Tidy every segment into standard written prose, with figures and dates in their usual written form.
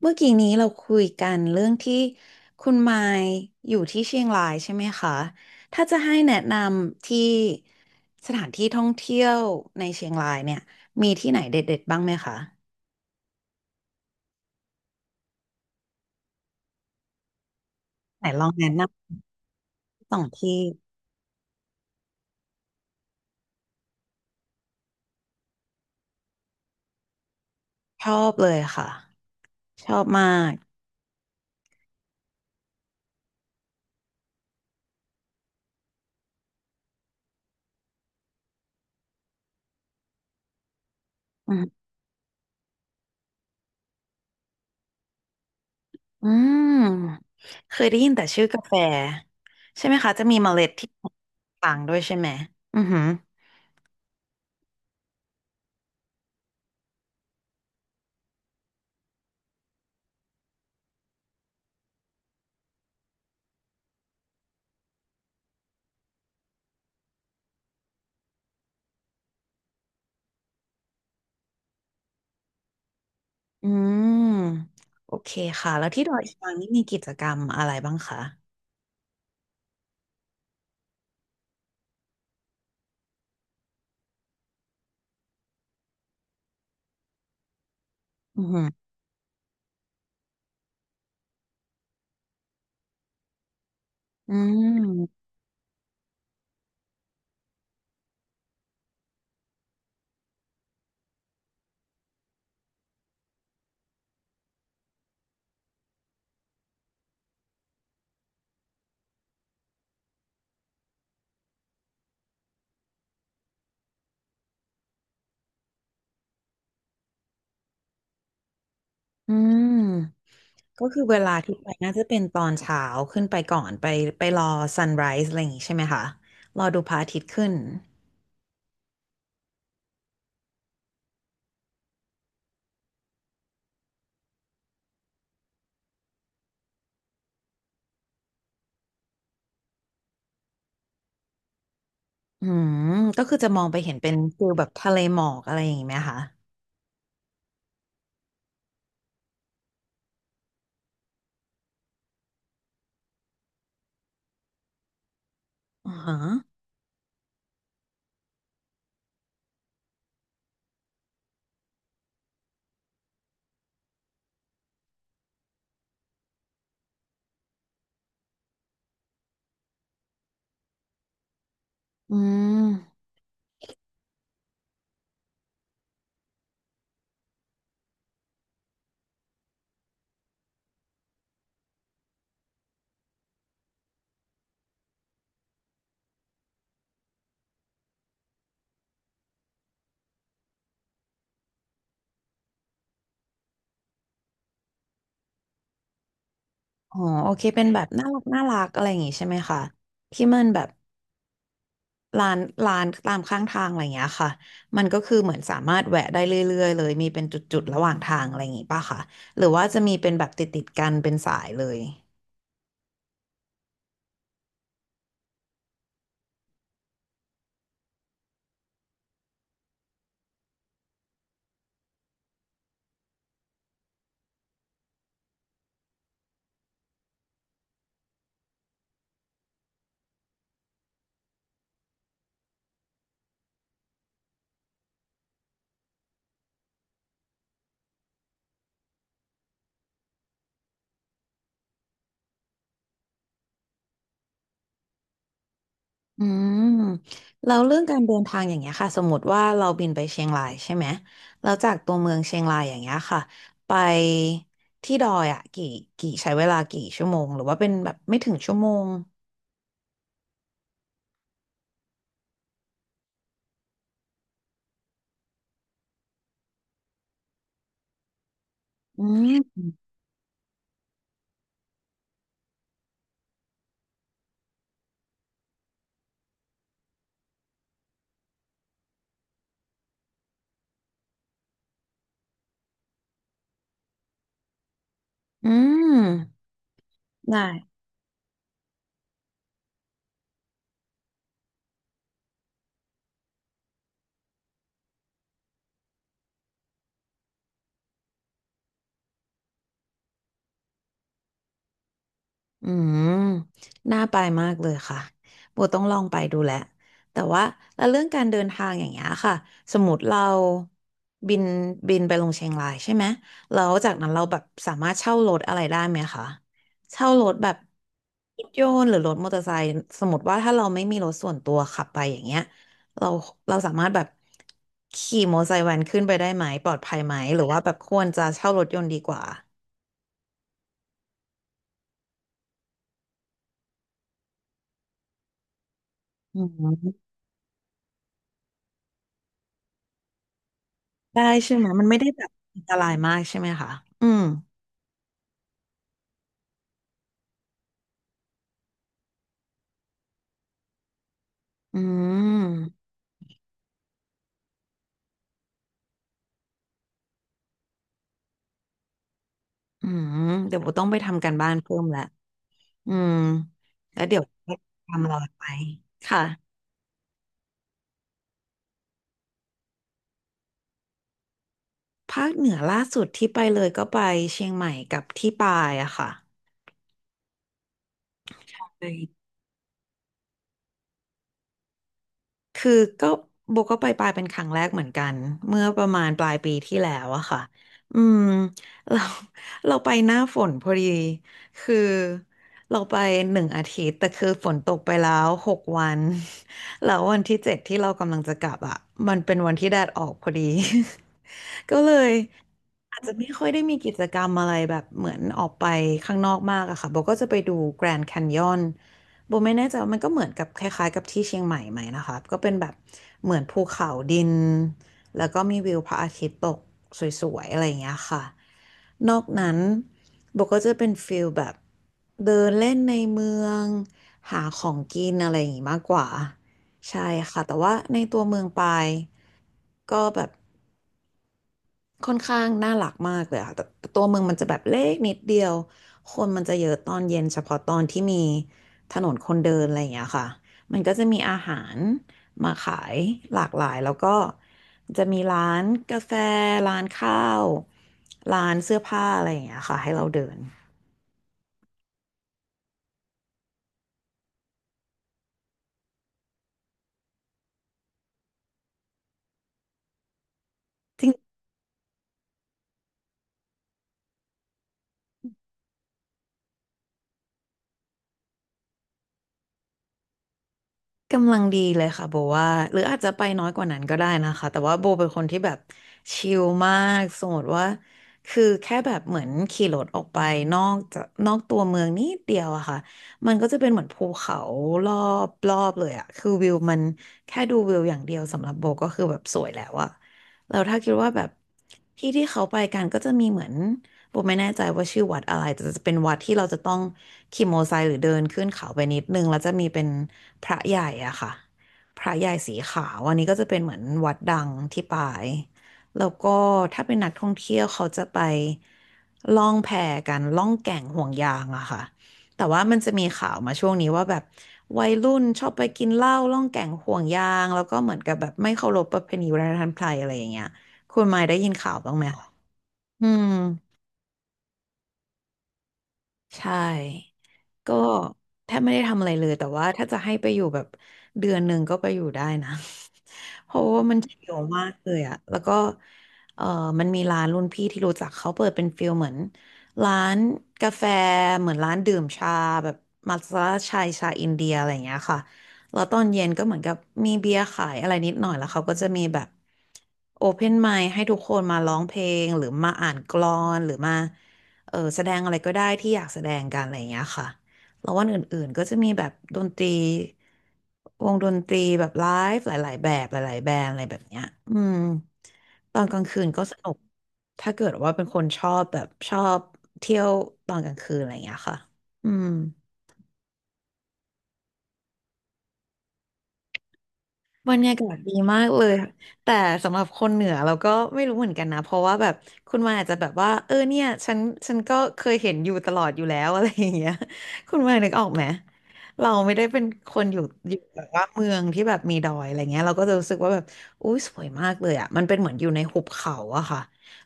เมื่อกี้นี้เราคุยกันเรื่องที่คุณมายอยู่ที่เชียงรายใช่ไหมคะถ้าจะให้แนะนำที่สถานที่ท่องเที่ยวในเชียงรายเนี่ยมีที่ไหนเด็ดๆบ้างไหมคะ ไหนลองแนะนำสองที่ชอบเลยค่ะ ชอบมากอืมอืมเคยได้ยินแต่ชื่อกาแฟใช่ไหมคะ จะมีเมล็ดที่ต่างด้วยใช่ไหมอือหืออืมโอเคค่ะ แล้วที่ดอยช้างนี่มีกิจกรรมอะไรบ้างคะ อือหืออืมอืมก็คือเวลาที่ไปน่าจะเป็นตอนเช้าขึ้นไปก่อนไปไปรอซันไรส์อะไรอย่างงี้ใช่ไหมคะ รอดูพระอาทิตย์ขึ้นอืมก็คือจะมองไปเห็นเป็นฟิลแบบทะเลหมอกอะไรอย่างงี้ไหมคะอ่อฮะอืมอ๋อโอเคเป็นแบบน่ารักน่ารักอะไรอย่างงี้ใช่ไหมคะที่มันแบบ ร้านร้านตามข้างทางอะไรอย่างเงี้ยค่ะมันก็คือเหมือนสามารถแวะได้เรื่อยๆเลยมีเป็นจุดๆระหว่างทางอะไรอย่างงี้ป่ะคะหรือว่าจะมีเป็นแบบติดๆกันเป็นสายเลยอืมแล้วเรื่องการเดินทางอย่างเงี้ยค่ะสมมติว่าเราบินไปเชียงรายใช่ไหมแล้วจากตัวเมืองเชียงรายอย่างเงี้ยค่ะไปที่ดอยอ่ะกี่ใช้เวลากี่ชั่วโมงหรือว่าเป็นแบบไม่ถึงชั่วโมงอืมอืมได้ อืมน่าไปมากเลยค่ะโบต้องลองไปดูแหละแต่ว่าแล้วเรื่องการเดินทางอย่างเงี้ยค่ะสมมติเราบินบินไปลงเชียงรายใช่ไหมแล้วจากนั้นเราแบบสามารถเช่ารถอะไรได้ไหมคะเช่ารถแบบรถยนต์หรือรถมอเตอร์ไซค์สมมติว่าถ้าเราไม่มีรถส่วนตัวขับไปอย่างเงี้ยเราเราสามารถแบบขี่มอเตอร์ไซค์แวนขึ้นไปได้ไหมปลอดภัยไหมหรือว่าแบบควรจะเช่ารถยนต์ดีกว่าอืม ได้ใช่ไหมมันไม่ได้แบบอันตรายมากใช่ไหมคะอืมอืมอืมเดี๋ยวโบต้องไปทำการบ้านเพิ่มละอืมแล้วเดี๋ยวทำรอไปค่ะภาคเหนือล่าสุดที่ไปเลยก็ไปเชียงใหม่กับที่ปายอะค่ะไป คือก็โบก็ไปปลายเป็นครั้งแรกเหมือนกันเมื่อประมาณปลายปีที่แล้วอะค่ะอืมเรา เราไปหน้าฝนพอดีคือเราไปหนึ่งอาทิตย์แต่คือฝนตกไปแล้วหกวัน แล้ววันที่เจ็ดที่เรากำลังจะกลับอะมันเป็นวันที่แดดออกพอดี ก็เลยอาจจะไม่ค่อยได้มีกิจกรรมอะไรแบบเหมือนออกไปข้างนอกมากอะค่ะโบก็จะไปดูแกรนด์แคนยอน โบไม่แน่ใจว่ามันก็เหมือนกับคล้ายๆกับที่เชียงใหม่ไหมนะคะก็เป็นแบบเหมือนภูเขาดินแล้วก็มีวิวพระอาทิตย์ตกสวยๆอะไรอย่างเงี้ยค่ะนอกนั้นโบก็จะเป็นฟิลแบบเดินเล่นในเมืองหาของกินอะไรอย่างงี้มากกว่าใช่ค่ะแต่ว่าในตัวเมืองปายก็แบบ ค่อนข้างน่ารักมากเลยค่ะแต่ตัวเมืองมันจะแบบเล็กนิดเดียวคนมันจะเยอะตอนเย็นเฉพาะตอนที่มีถนนคนเดินอะไรอย่างเงี้ยค่ะมันก็จะมีอาหารมาขายหลากหลายแล้วก็จะมีร้านกาแฟร้านข้าวร้านเสื้อผ้าอะไรอย่างเงี้ยค่ะให้เราเดิน กำลังดีเลยค่ะโบว่าหรืออาจจะไปน้อยกว่านั้นก็ได้นะคะแต่ว่าโบเป็นคนที่แบบชิลมากสมมติว่าคือแค่แบบเหมือนขี่รถออกไปนอกจากนอกตัวเมืองนิดเดียวอะค่ะมันก็จะเป็นเหมือนภูเขารอรอบเลยอะคือวิวมันแค่ดูวิวอย่างเดียวสำหรับโบก็คือแบบสวยแล้วอะแล้วถ้าคิดว่าแบบที่ที่เขาไปกันก็จะมีเหมือน โบไม่แน่ใจว่าชื่อวัดอะไรแต่จะเป็นวัดที่เราจะต้องขี่มอเตอร์ไซค์หรือเดินขึ้นเขาไปนิดนึงแล้วจะมีเป็นพระใหญ่อะค่ะพระใหญ่สีขาวอันนี้ก็จะเป็นเหมือนวัดดังที่ปายแล้วก็ถ้าเป็นนักท่องเที่ยวเขาจะไปล่องแพกันล่องแก่งห่วงยางอะค่ะแต่ว่ามันจะมีข่าวมาช่วงนี้ว่าแบบวัยรุ่นชอบไปกินเหล้าล่องแก่งห่วงยางแล้วก็เหมือนกับแบบไม่เคารพประเพณีวัฒนธรรมไทยอะไรอย่างเงี้ยคุณมายได้ยินข่าวบ้างไหมคะอืม ใช่ ก็แทบไม่ได้ทำอะไรเลย แต่ว่าถ้าจะให้ไปอยู่แบบเดือนหนึ่งก็ไปอยู่ได้นะ เพราะว่ามันจะเยอะมากเลยอะแล้วก็เออมันมีร้านรุ่นพี่ที่รู้จักเขาเปิดเป็นฟิลเหมือนร้านกาแฟเหมือนร้านดื่มชาแบบมัทฉะชายชาอินเดียอะไรอย่างเงี้ยค่ะแล้วตอนเย็นก็เหมือนกับมีเบียร์ขายอะไรนิดหน่อยแล้วเขาก็จะมีแบบโอเพนไมค์ให้ทุกคนมาร้องเพลงหรือมาอ่านกลอนหรือมาเออแสดงอะไรก็ได้ที่อยากแสดงกันอะไรอย่างเงี้ยค่ะ แล้ววันอื่นๆก็จะมีแบบดนตรีวงดนตรีแบบไลฟ์หลายๆแบบหลายๆแบรนด์อะไรแบบเนี้ยอืมตอนกลางคืนก็สนุกถ้าเกิดว่าเป็นคนชอบแบบชอบเที่ยวตอนกลางคืนอะไรอย่างเงี้ยค่ะอืม บรรยากาศดีมากเลย แต่สำหรับคนเหนือเราก็ไม่รู้เหมือนกันนะ เพราะว่าแบบคุณมาอาจจะแบบว่าเออเนี่ยฉันก็เคยเห็นอยู่ตลอดอยู่แล้ว อะไรอย่างเงี้ยคุณมานึกออกไหมเราไม่ได้เป็นคนอยู่แบบว่าเมืองที่แบบมีดอยอะไรเงี้ยเราก็จะรู้สึกว่าแบบอุ้ยสวยมากเลยอ่ะมันเป็นเหมือนอยู่ในหุบเขาอะค่ะ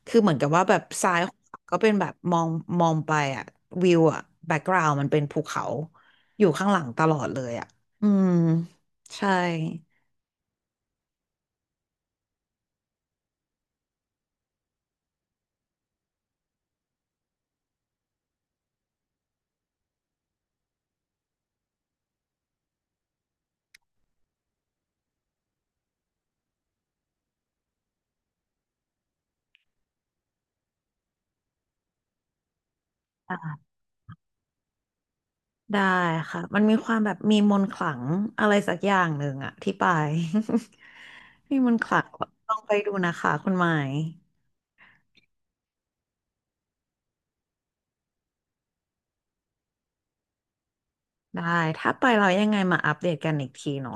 คือเหมือนกับว่าแบบซ้ายของเขาก็เป็นแบบมองไปอะวิวอะแบ็กกราวด์มันเป็นภูเขาอยู่ข้างหลังตลอดเลยอะอืมใช่ ได้ค่ะมันมีความแบบมีมนต์ขลังอะไรสักอย่างหนึ่งอะที่ไป มีมนต์ขลังลองไปดูนะคะคุณหมายได้ถ้าไปเรายังไงมาอัปเดตกันอีกทีเนาะ